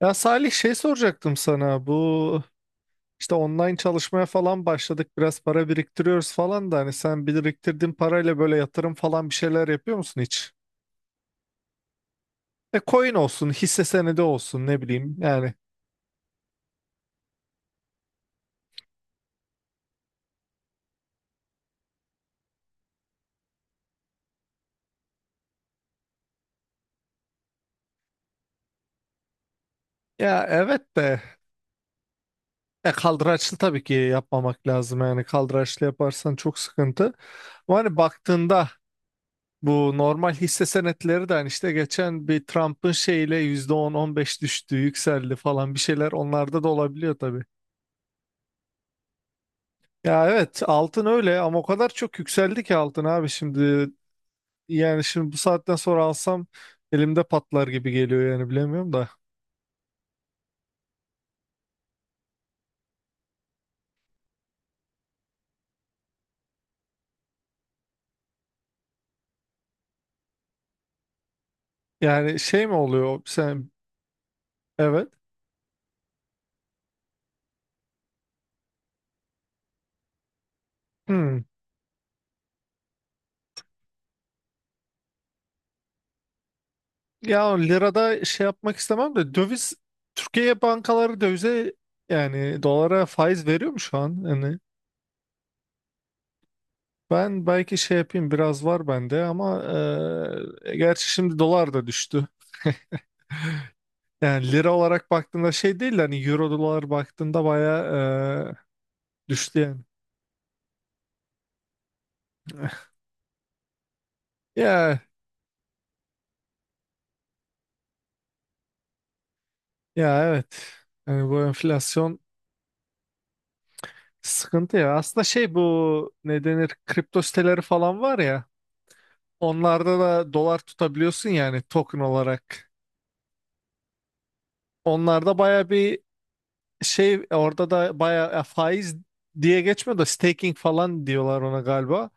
Ya Salih, şey soracaktım sana. Bu işte online çalışmaya falan başladık, biraz para biriktiriyoruz falan da, hani sen biriktirdiğin parayla böyle yatırım falan bir şeyler yapıyor musun hiç? E, coin olsun hisse senedi olsun, ne bileyim yani. Ya evet de kaldıraçlı tabii ki yapmamak lazım, yani kaldıraçlı yaparsan çok sıkıntı. Ama hani baktığında bu normal hisse senetleri de hani işte geçen bir Trump'ın şeyle %10-15 düştü yükseldi falan, bir şeyler onlarda da olabiliyor. Ya evet, altın öyle ama o kadar çok yükseldi ki altın abi şimdi. Yani şimdi bu saatten sonra alsam elimde patlar gibi geliyor, yani bilemiyorum da. Yani şey mi oluyor sen? Evet. Hmm. Ya lirada şey yapmak istemem de, döviz, Türkiye bankaları dövize, yani dolara faiz veriyor mu şu an? Yani ben belki şey yapayım, biraz var bende ama gerçi şimdi dolar da düştü. Yani lira olarak baktığında şey değil de, hani euro dolar baktığında baya düştü yani. Ya, ya, evet. Yani bu enflasyon sıkıntı ya. Aslında şey, bu ne denir, kripto siteleri falan var ya. Onlarda da dolar tutabiliyorsun yani, token olarak. Onlarda baya bir şey, orada da baya faiz diye geçmiyor da staking falan diyorlar ona galiba.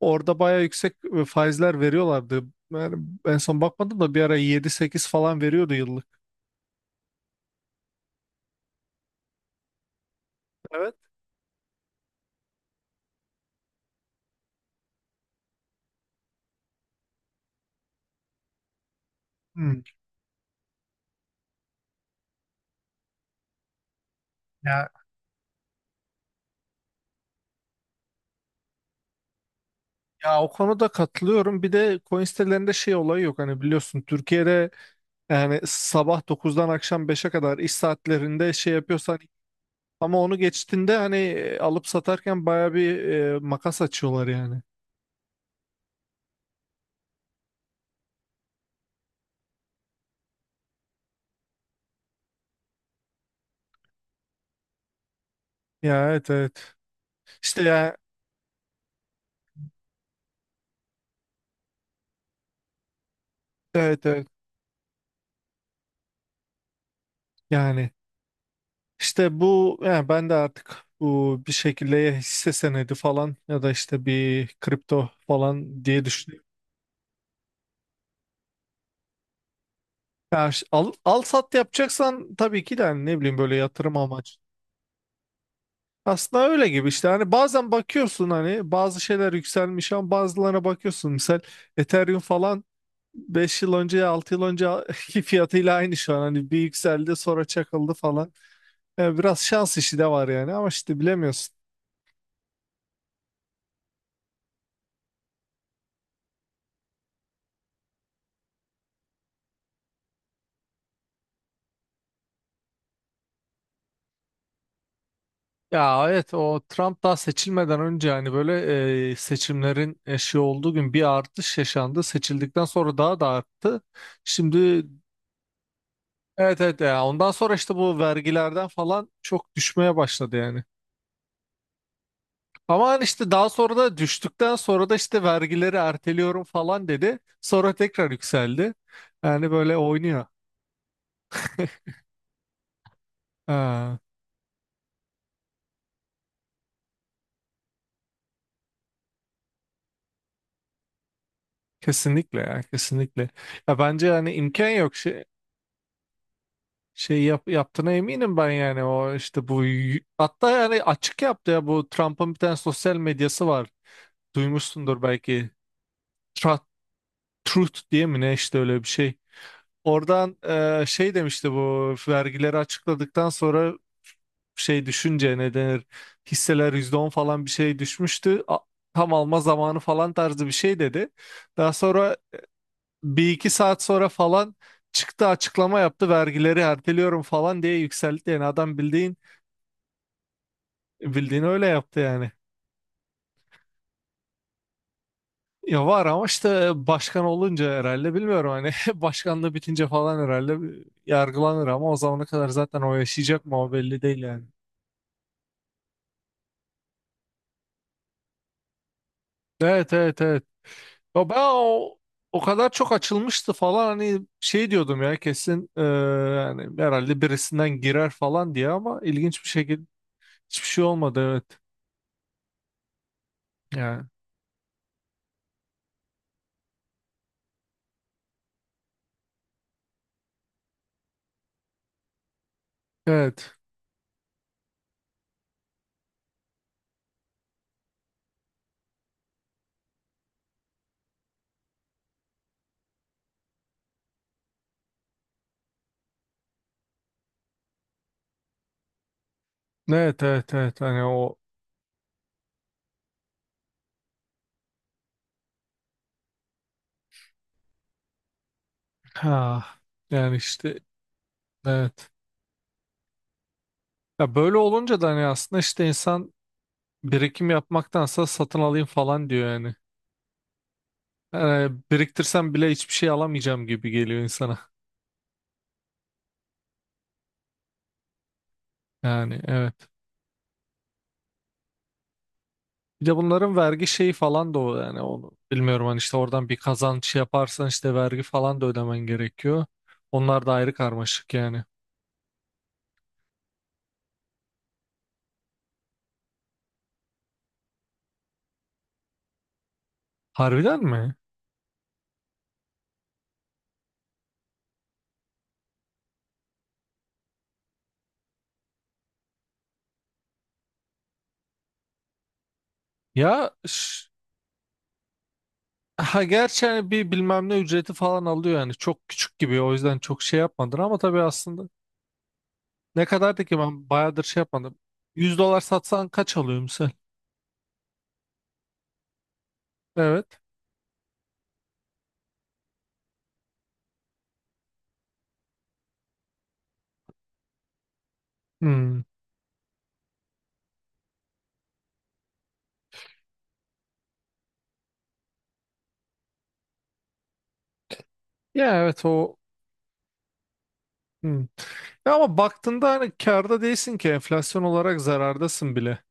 Orada baya yüksek faizler veriyorlardı. Yani en son bakmadım da, bir ara 7-8 falan veriyordu yıllık. Evet. Hmm. Ya Ya o konuda katılıyorum. Bir de coin sitelerinde şey olayı yok. Hani biliyorsun Türkiye'de, yani sabah 9'dan akşam 5'e kadar iş saatlerinde şey yapıyorsan, ama onu geçtiğinde hani alıp satarken baya bir makas açıyorlar yani. Ya evet, evet. İşte ya, evet, evet. Yani işte bu, yani ben de artık bu bir şekilde ya hisse senedi falan ya da işte bir kripto falan diye düşünüyorum. Ya, al sat yapacaksan tabii ki de, hani ne bileyim, böyle yatırım amaçlı. Aslında öyle gibi işte, hani bazen bakıyorsun hani bazı şeyler yükselmiş, ama bazılarına bakıyorsun, misal Ethereum falan, 5 yıl önce, 6 yıl önceki fiyatıyla aynı şu an, hani bir yükseldi sonra çakıldı falan. Yani biraz şans işi de var yani, ama işte bilemiyorsun. Ya evet, o Trump daha seçilmeden önce hani böyle seçimlerin eşiği olduğu gün bir artış yaşandı. Seçildikten sonra daha da arttı. Şimdi. Evet, evet, ya ondan sonra işte bu vergilerden falan çok düşmeye başladı yani. Ama hani işte daha sonra da, düştükten sonra da, işte vergileri erteliyorum falan dedi. Sonra tekrar yükseldi. Yani böyle oynuyor. Ha, kesinlikle ya, kesinlikle. Ya bence yani imkan yok yaptığına eminim ben, yani o işte bu hatta yani açık yaptı ya, bu Trump'ın bir tane sosyal medyası var. Duymuşsundur belki. Tra- Truth diye mi ne işte, öyle bir şey. Oradan şey demişti, bu vergileri açıkladıktan sonra, şey düşünce ne denir, hisseler %10 falan bir şey düşmüştü. Tam alma zamanı falan tarzı bir şey dedi. Daha sonra bir iki saat sonra falan çıktı, açıklama yaptı, vergileri erteliyorum falan diye yükseltti. Yani adam bildiğin bildiğini öyle yaptı yani. Ya var ama işte başkan olunca herhalde, bilmiyorum hani, başkanlığı bitince falan herhalde yargılanır, ama o zamana kadar zaten o yaşayacak mı, o belli değil yani. Evet, evet, evet. Ya ben o kadar çok açılmıştı falan, hani şey diyordum ya, kesin yani herhalde birisinden girer falan diye, ama ilginç bir şekilde hiçbir şey olmadı, evet. Yani evet. Evet, evet, evet, hani o, ha, yani işte evet. Ya böyle olunca da, hani aslında işte insan birikim yapmaktansa satın alayım falan diyor yani. Yani biriktirsem bile hiçbir şey alamayacağım gibi geliyor insana. Yani evet. Bir de bunların vergi şeyi falan da o, yani onu bilmiyorum, hani işte oradan bir kazanç yaparsan işte vergi falan da ödemen gerekiyor. Onlar da ayrı karmaşık yani. Harbiden mi? Ya ha, gerçi hani bir bilmem ne ücreti falan alıyor yani, çok küçük gibi, o yüzden çok şey yapmadın ama tabii, aslında ne kadardı ki, ben bayağıdır şey yapmadım. 100 dolar satsan kaç alıyor misal? Evet. Hmm. Ya evet o, hmm. Ya ama baktığında hani karda değilsin ki, enflasyon olarak zarardasın bile.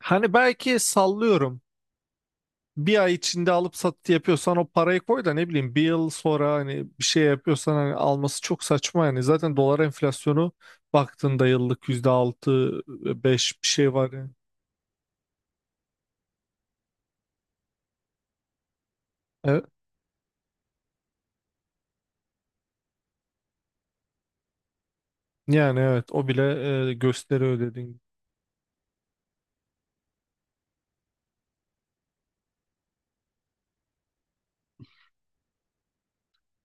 Hani belki sallıyorum. Bir ay içinde alıp satı yapıyorsan, o parayı koy da ne bileyim bir yıl sonra hani bir şey yapıyorsan, hani alması çok saçma yani. Zaten dolar enflasyonu baktığında yıllık %6-5 bir şey var yani. E, yani evet, o bile gösteriyor dediğin gibi.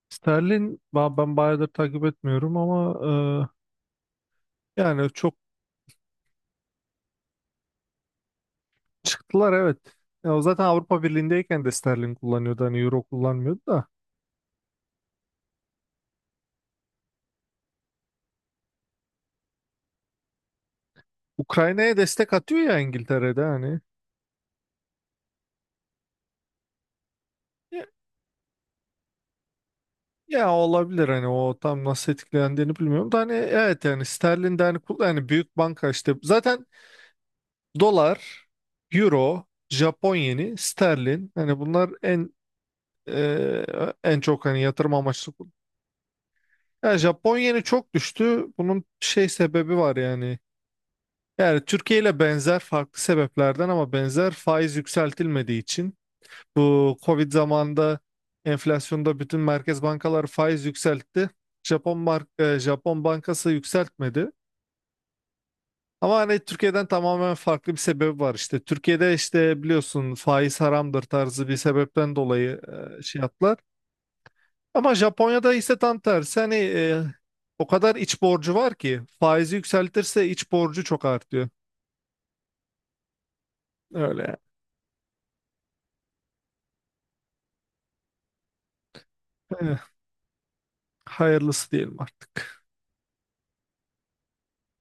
Sterlin ben bayağıdır takip etmiyorum, ama yani çok, çıktılar evet. Ya o zaten Avrupa Birliği'ndeyken de sterlin kullanıyordu, hani euro kullanmıyordu da. Ukrayna'ya destek atıyor ya İngiltere'de hani. Ya olabilir, hani o tam nasıl etkilendiğini bilmiyorum da, hani evet, yani sterlin de hani yani büyük banka işte zaten dolar, euro, Japon yeni, sterlin, hani bunlar en en çok hani yatırım amaçlı kul-. Yani Japon yeni çok düştü. Bunun şey sebebi var yani. Yani Türkiye ile benzer, farklı sebeplerden ama benzer, faiz yükseltilmediği için. Bu Covid zamanında enflasyonda bütün merkez bankalar faiz yükseltti. Japon bankası yükseltmedi. Ama hani Türkiye'den tamamen farklı bir sebep var işte. Türkiye'de işte biliyorsun faiz haramdır tarzı bir sebepten dolayı şey yaptılar. Ama Japonya'da ise tam tersi, hani o kadar iç borcu var ki, faizi yükseltirse iç borcu çok artıyor. Öyle. Yani. Eh, hayırlısı diyelim artık.